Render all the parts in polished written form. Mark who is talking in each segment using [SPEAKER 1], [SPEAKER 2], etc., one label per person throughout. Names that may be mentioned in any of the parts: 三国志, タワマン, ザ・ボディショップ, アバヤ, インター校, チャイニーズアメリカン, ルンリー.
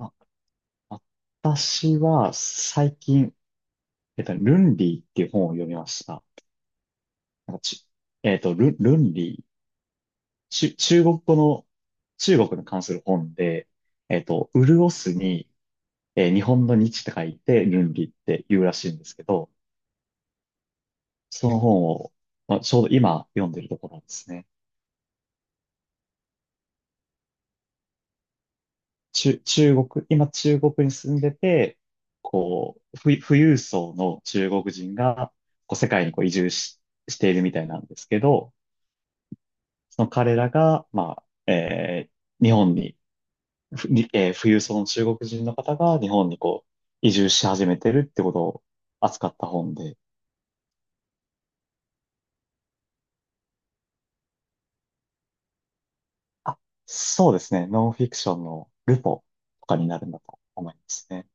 [SPEAKER 1] あ、私は最近、ルンリーっていう本を読みました。なんかち、えっと、ル、ルンリー、中国語の、中国に関する本で、潤すに、日本の日って書いて、ルンリーって言うらしいんですけど、その本を、まあ、ちょうど今読んでるところですね。中国、今中国に住んでて、こう、富裕層の中国人が、こう、世界にこう移住しているみたいなんですけど、その彼らが、まあ、日本に、ふにえー富裕層の中国人の方が日本にこう、移住し始めてるってことを扱った本で、あ、そうですね。ノンフィクションのルポとかになるんだと思いますね。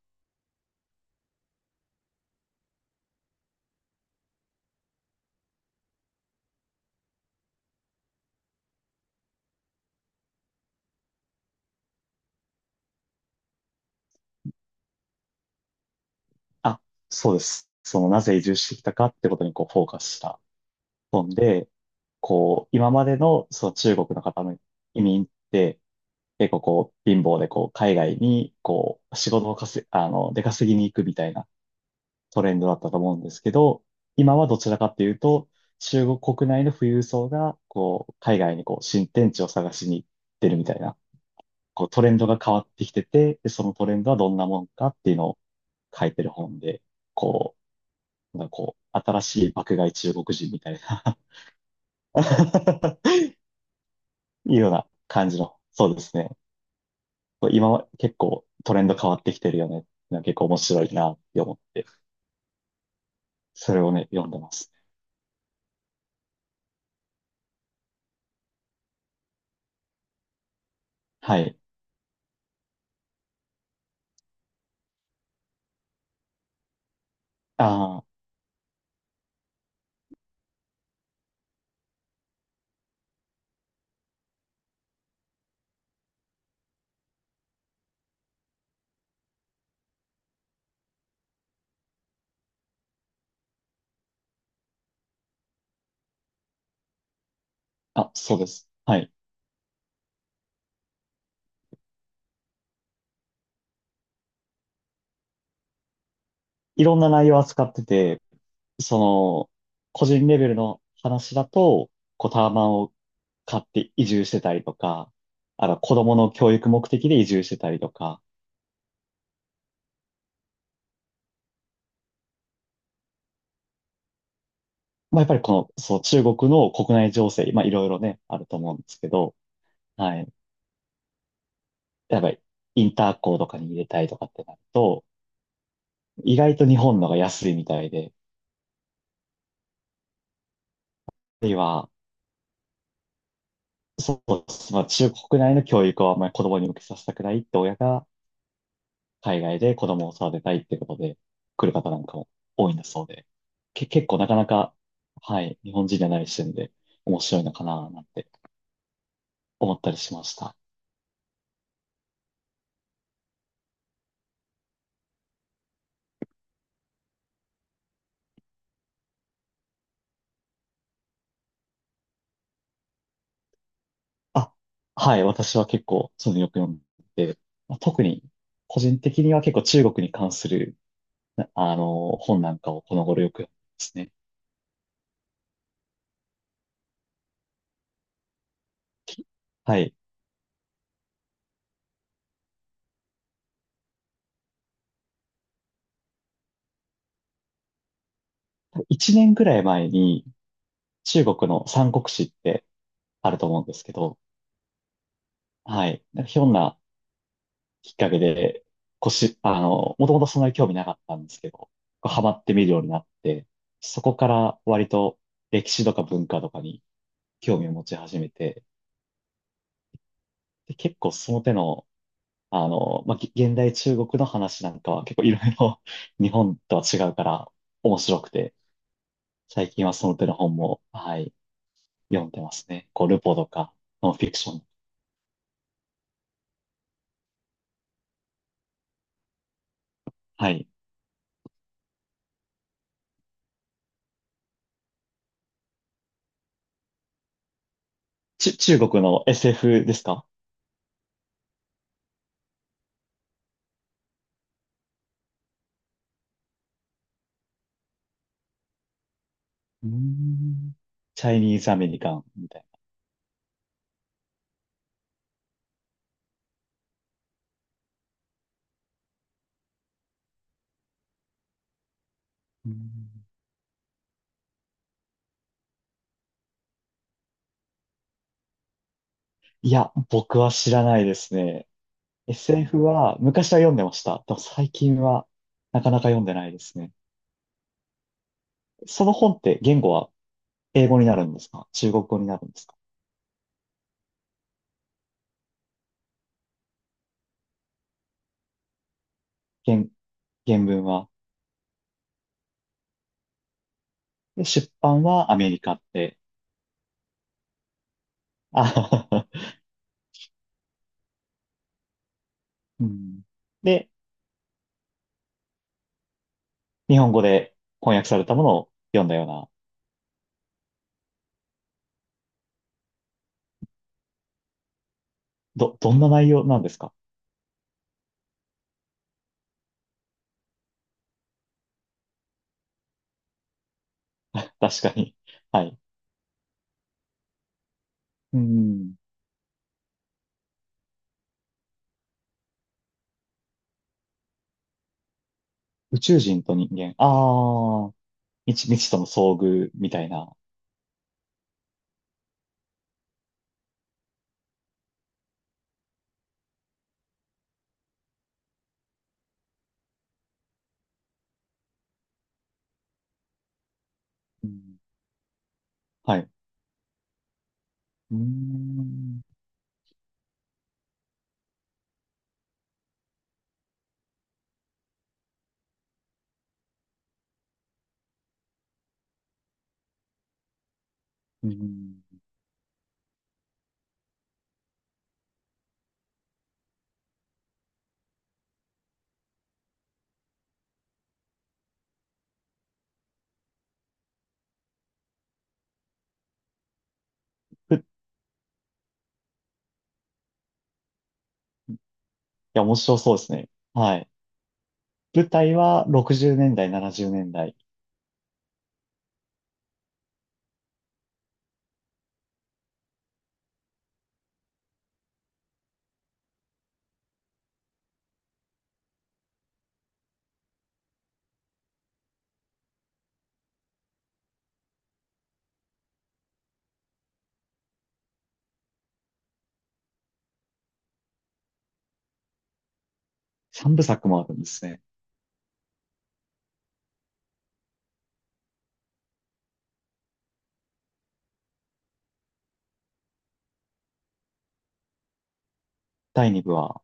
[SPEAKER 1] あ、そうです。その、なぜ移住してきたかってことにこう、フォーカスした本で、こう、今までの、その中国の方の移民って、結構こう、貧乏でこう、海外にこう、仕事を稼い、出稼ぎに行くみたいな、トレンドだったと思うんですけど、今はどちらかっていうと、中国国内の富裕層が、こう、海外にこう、新天地を探しに行ってるみたいな、こう、トレンドが変わってきてて、でそのトレンドはどんなもんかっていうのを書いてる本で、こう、なんかこう、新しい爆買い中国人みたいな いうような感じの、そうですね。こう今は結構トレンド変わってきてるよね。なんか結構面白いなって思って、それをね、読んでます。はい。あーあ、そうです。はい。いろんな内容を扱ってて、その、個人レベルの話だと、こうタワマンを買って移住してたりとか、あの、子供の教育目的で移住してたりとか、まあ、やっぱりこの、そう、中国の国内情勢、まあ、いろいろね、あると思うんですけど、はい。やっぱり、インター校とかに入れたいとかってなると、意外と日本のが安いみたいで、あるいは、そう、まあ、中国内の教育をあんまり子供に向けさせたくないって親が、海外で子供を育てたいってことで来る方なんかも多いんだそうで、結構なかなか、はい、日本人じゃない視点で面白いのかななんて思ったりしました。あ、はい、私は結構そういうのよく読んでて、まあ、特に個人的には結構中国に関する、なあの、本なんかをこの頃よく読んでますね。きはい。1年ぐらい前に中国の三国志ってあると思うんですけど、はい。なんかひょんなきっかけで、腰、あの、もともとそんなに興味なかったんですけど、こうハマってみるようになって、そこから割と歴史とか文化とかに興味を持ち始めて、で、結構その手の、あの、まあ、現代中国の話なんかは結構いろいろ 日本とは違うから面白くて、最近はその手の本も、はい、読んでますね。こう、ルポとか、ノンフィクション。はい。中国の SF ですか？うーん、チャイニーズアメリカンみたいな。うーん、いや、僕は知らないですね。SF は昔は読んでました。でも最近はなかなか読んでないですね。その本って言語は英語になるんですか？中国語になるんですか？原、原文は。で、出版はアメリカって。あ、 うん、で、日本語で翻訳されたものを読んだような、どんな内容なんですか？ 確かに。はい。うん。宇宙人と人間。ああ、未知との遭遇みたいな。うん、はい。うーん。うん。いや、面白そうですね。はい。舞台は60年代、70年代。3部作もあるんですね。第2部は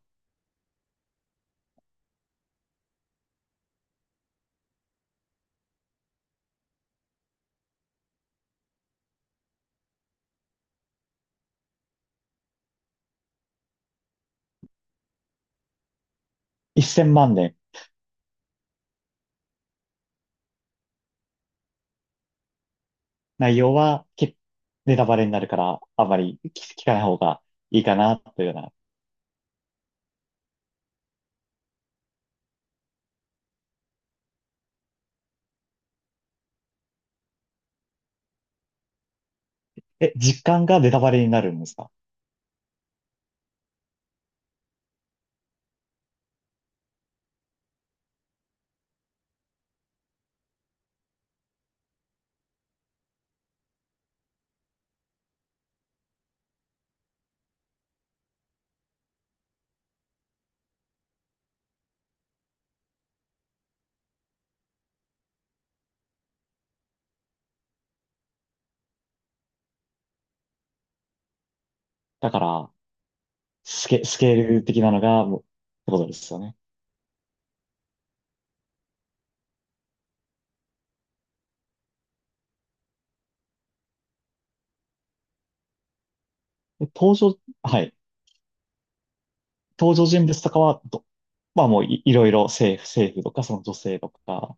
[SPEAKER 1] 1000万年。内容はネタバレになるから、あまり聞かない方がいいかな、というような。え、実感がネタバレになるんですか？だから、スケール的なのが、もうってことですよね。え登場、はい。登場人物とかはまあもういろいろ政府とかその女性とか、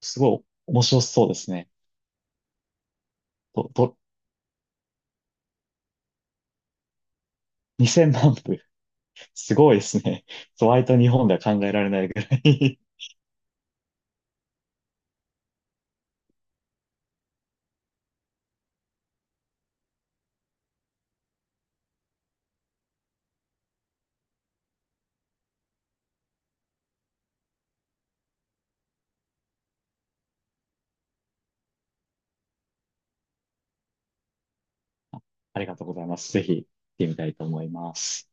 [SPEAKER 1] すごい面白そうですね。と、と、2000万部、すごいですね。そう割と日本では考えられないぐらい ありがとうございます。ぜひ、見てみたいと思います。